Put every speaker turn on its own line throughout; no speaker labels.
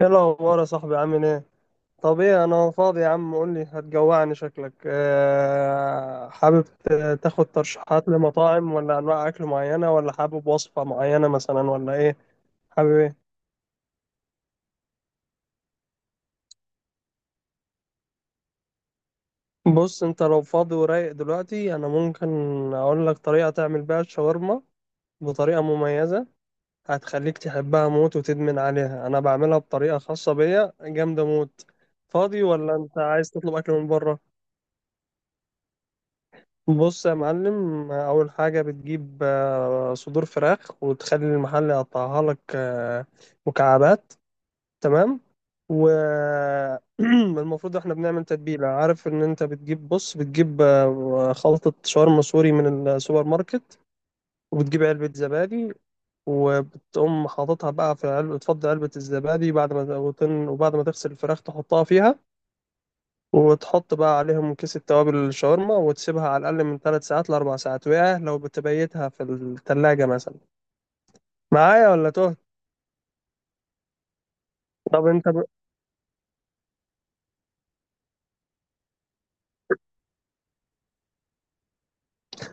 ايه الاخبار يا صاحبي؟ عامل ايه؟ طب ايه، انا فاضي يا عم، قول لي. هتجوعني شكلك. حابب تاخد ترشيحات لمطاعم، ولا انواع اكل معينه، ولا حابب وصفه معينه مثلا، ولا ايه؟ حابب ايه؟ بص، انت لو فاضي ورايق دلوقتي انا ممكن اقول لك طريقه تعمل بيها الشاورما بطريقه مميزه، هتخليك تحبها موت وتدمن عليها. انا بعملها بطريقه خاصه بيا جامده موت. فاضي ولا انت عايز تطلب اكل من بره؟ بص يا معلم، أول حاجة بتجيب صدور فراخ، وتخلي المحل يقطعها لك مكعبات. تمام. والمفروض احنا بنعمل تتبيلة. عارف ان انت بتجيب، بص بتجيب خلطة شاورما سوري من السوبر ماركت، وبتجيب علبة زبادي، وبتقوم حاططها بقى في علبة. تفضي علبة الزبادي، بعد ما وبعد ما تغسل الفراخ تحطها فيها، وتحط بقى عليهم كيس التوابل الشاورما، وتسيبها على الأقل من ثلاث ساعات لأربع ساعات، وياه لو بتبيتها في التلاجة مثلا. معايا ولا تهت؟ طب انت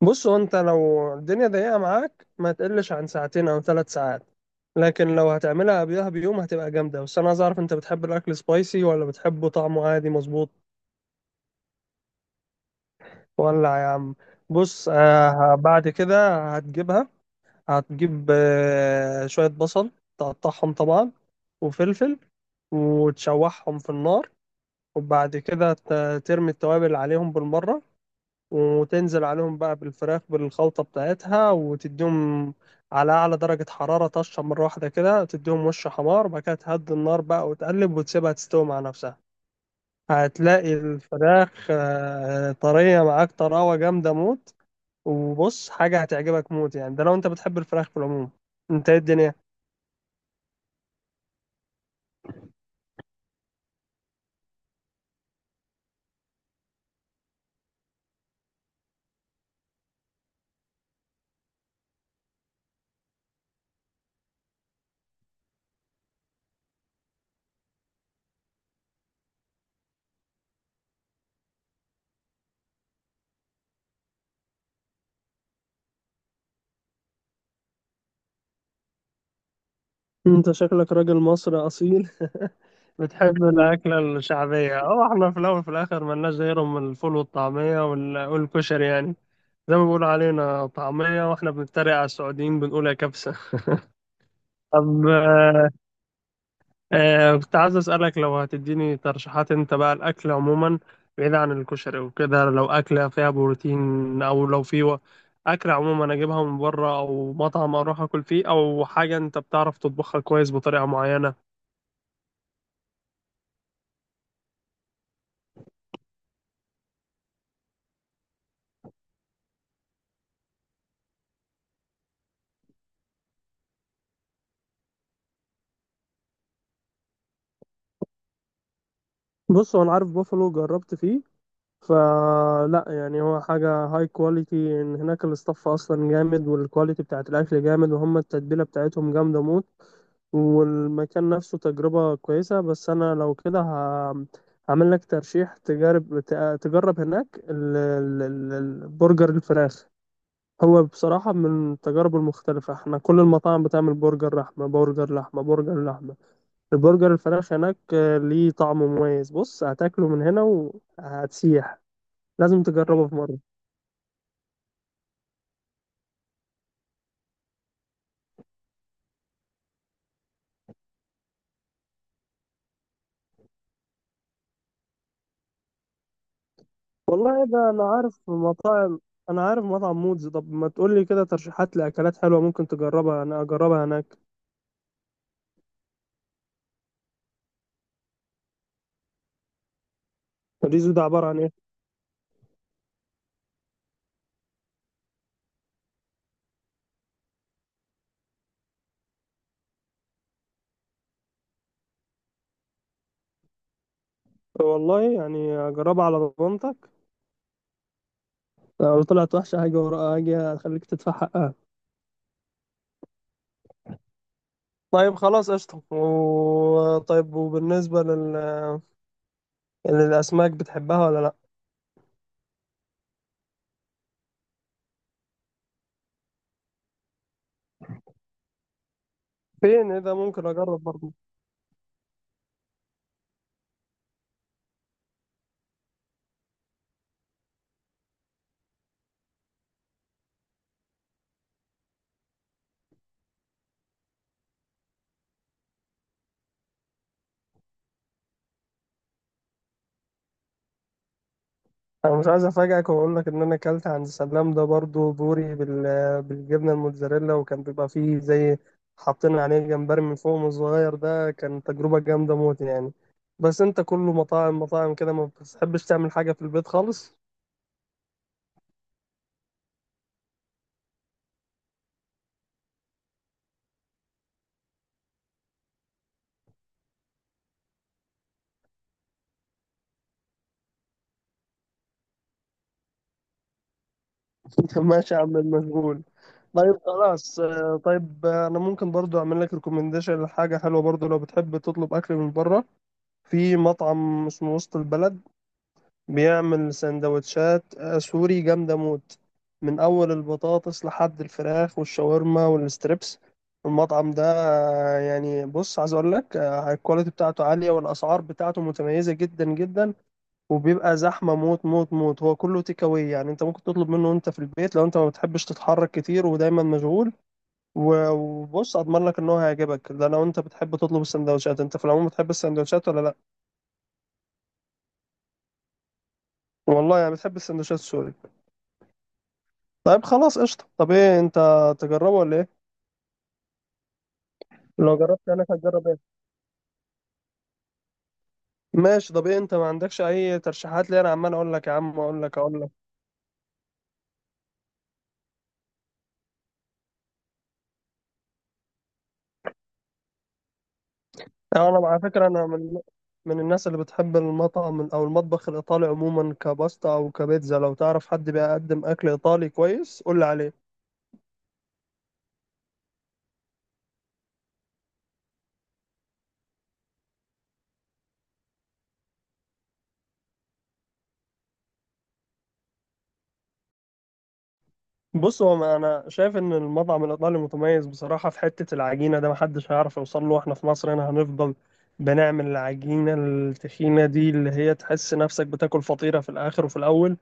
بص، هو انت لو الدنيا ضيقة معاك ما تقلش عن ساعتين أو ثلاث ساعات، لكن لو هتعملها قبلها بيوم هتبقى جامدة. بس أنا عايز أعرف، أنت بتحب الأكل سبايسي ولا بتحبه طعمه عادي مظبوط؟ ولا يا عم. بص بعد كده هتجيبها، هتجيب شوية بصل تقطعهم طبعا، وفلفل، وتشوحهم في النار، وبعد كده ترمي التوابل عليهم بالمرة، وتنزل عليهم بقى بالفراخ بالخلطة بتاعتها، وتديهم على أعلى درجة حرارة طشة مرة واحدة كده، تديهم وش حمار، وبعد كده تهدي النار بقى وتقلب وتسيبها تستوي مع نفسها. هتلاقي الفراخ طرية معاك، طراوة جامدة موت. وبص، حاجة هتعجبك موت، يعني ده لو انت بتحب الفراخ في العموم. انت ايه الدنيا؟ انت شكلك راجل مصري اصيل. بتحب الاكله الشعبيه. اه، احنا في الاول وفي الاخر ملناش غيرهم من الفول والطعميه والكشري يعني. زي ما بيقولوا علينا طعميه، واحنا بنتريق على السعوديين بنقول يا كبسه. طب كنت عايز أسألك، لو هتديني ترشيحات أنت بقى، الأكل عموما بعيد عن الكشري وكده، لو أكلة فيها بروتين أو لو في أكل عموما أجيبها من بره، أو مطعم أروح أكل فيه، أو حاجة أنت بتعرف تطبخها كويس بطريقة معينة. بص، هو انا عارف بوفالو، جربت فيه فلا. يعني هو حاجه هاي كواليتي، ان هناك الاستاف اصلا جامد، والكواليتي بتاعت الاكل جامد، وهم التتبيله بتاعتهم جامده موت، والمكان نفسه تجربه كويسه. بس انا لو كده هعمل لك ترشيح. تجرب، تجرب هناك البرجر الفراخ. هو بصراحه من التجارب المختلفه، احنا كل المطاعم بتعمل برجر لحمه، برجر لحمه، برجر لحمه. البرجر الفراخ هناك ليه طعم مميز. بص، هتاكله من هنا وهتسيح. لازم تجربه في مرة. والله، ده أنا عارف مطاعم، أنا عارف مطعم مودز. طب ما تقولي كده ترشيحات لأكلات حلوة ممكن تجربها أنا أجربها هناك. الريزو ده عبارة عن إيه؟ والله يعني أجربها على ضمانتك. لو طلعت وحشة هاجي وراها، هاجي أخليك تدفع حقها. طيب خلاص قشطة. طيب، وبالنسبة للأسماك، بتحبها ولا لأ؟ فين؟ إيه ده؟ ممكن أجرب برضه. انا مش عايز افاجئك واقول لك ان انا اكلت عند سلام ده برضو بوري بالجبنه الموتزاريلا، وكان بيبقى فيه زي حاطين عليه جمبري من فوق صغير. ده كان تجربه جامده موت يعني. بس انت كله مطاعم، مطاعم كده، ما بتحبش تعمل حاجه في البيت خالص؟ ماشي يا عم المشغول. طيب خلاص، طيب، انا ممكن برضو اعمل لك ريكومنديشن لحاجه حلوه، برضو لو بتحب تطلب اكل من بره. في مطعم اسمه وسط البلد، بيعمل سندوتشات سوري جامدة موت، من أول البطاطس لحد الفراخ والشاورما والستريبس. المطعم ده يعني بص عايز أقول لك، الكواليتي بتاعته عالية، والأسعار بتاعته متميزة جدا جدا، وبيبقى زحمة موت موت موت. هو كله تيك أواي، يعني أنت ممكن تطلب منه وأنت في البيت لو أنت ما بتحبش تتحرك كتير ودايما مشغول. وبص، أضمن لك إن هو هيعجبك، ده لو أنت بتحب تطلب السندوتشات. أنت في العموم بتحب السندوتشات ولا لأ؟ والله يعني بتحب السندوتشات سوري. طيب خلاص قشطة. طب ايه انت، تجربه ولا ايه؟ لو جربت انا هتجرب ايه. ماشي. طب ايه انت ما عندكش اي ترشيحات؟ ليه انا عمال اقول لك يا عم، اقول لك، اقول لك. يعني انا على فكرة انا من الناس اللي بتحب المطعم او المطبخ الايطالي عموما، كباستا او كبيتزا. لو تعرف حد بيقدم اكل ايطالي كويس قول لي عليه. بص، هو ما انا شايف ان المطعم الايطالي متميز بصراحة في حتة العجينة ده، محدش هيعرف يوصل له. احنا في مصر هنا هنفضل بنعمل العجينة التخينة دي، اللي هي تحس نفسك بتاكل فطيرة في الاخر وفي الاول.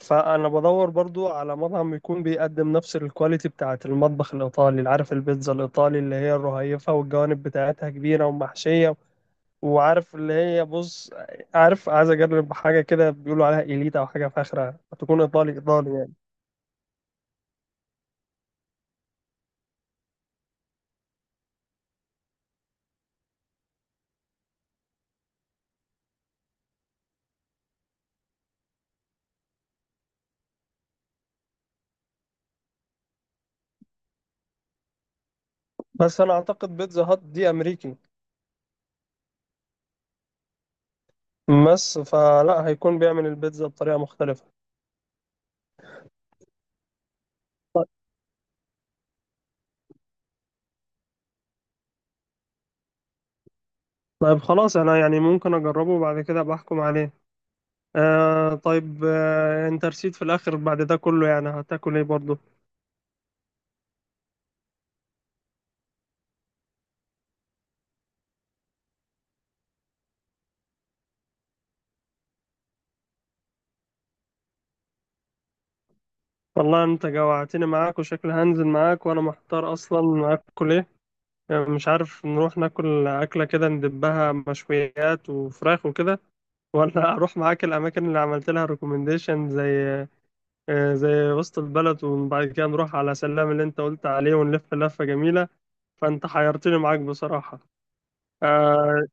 فانا بدور برضو على مطعم يكون بيقدم نفس الكواليتي بتاعه المطبخ الايطالي، اللي عارف البيتزا الايطالي اللي هي الرهيفه والجوانب بتاعتها كبيره ومحشيه. وعارف اللي هي، بص، عارف عايز اجرب حاجه كده بيقولوا عليها إيليتا او حاجه فاخره، هتكون ايطالي ايطالي يعني. بس انا اعتقد بيتزا هات دي امريكي، بس فلا هيكون بيعمل البيتزا بطريقه مختلفه. طيب خلاص، انا يعني ممكن اجربه وبعد كده بحكم عليه. آه طيب، آه انت رسيت في الاخر بعد ده كله، يعني هتاكل ايه برضو؟ والله انت جوعتني معاك، وشكل هنزل معاك وانا محتار اصلا اكل ايه. يعني مش عارف نروح ناكل اكله كده ندبها مشويات وفراخ وكده، ولا اروح معاك الاماكن اللي عملت لها ريكومنديشن، زي زي وسط البلد، وبعد كده نروح على سلام اللي انت قلت عليه ونلف لفه جميله. فانت حيرتني معاك بصراحه. اه،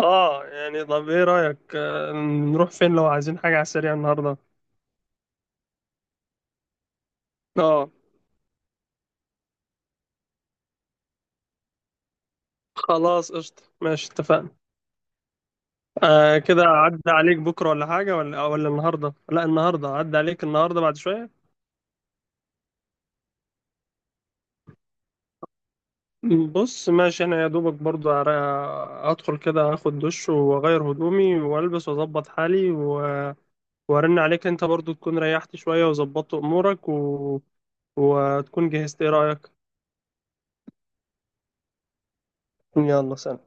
يعني طب ايه رايك، نروح فين لو عايزين حاجه على السريع النهارده؟ اه. خلاص قشطه، ماشي، اتفقنا. كده عدى عليك بكرة ولا حاجة، ولا ولا النهاردة؟ لا النهاردة، عدى عليك النهاردة بعد شوية. بص ماشي، انا يا دوبك برضو هدخل كده، هاخد دش واغير هدومي والبس واظبط حالي وارن عليك. انت برضو تكون ريحت شوية وظبطت امورك وتكون جهزت. ايه رأيك؟ يلا سلام.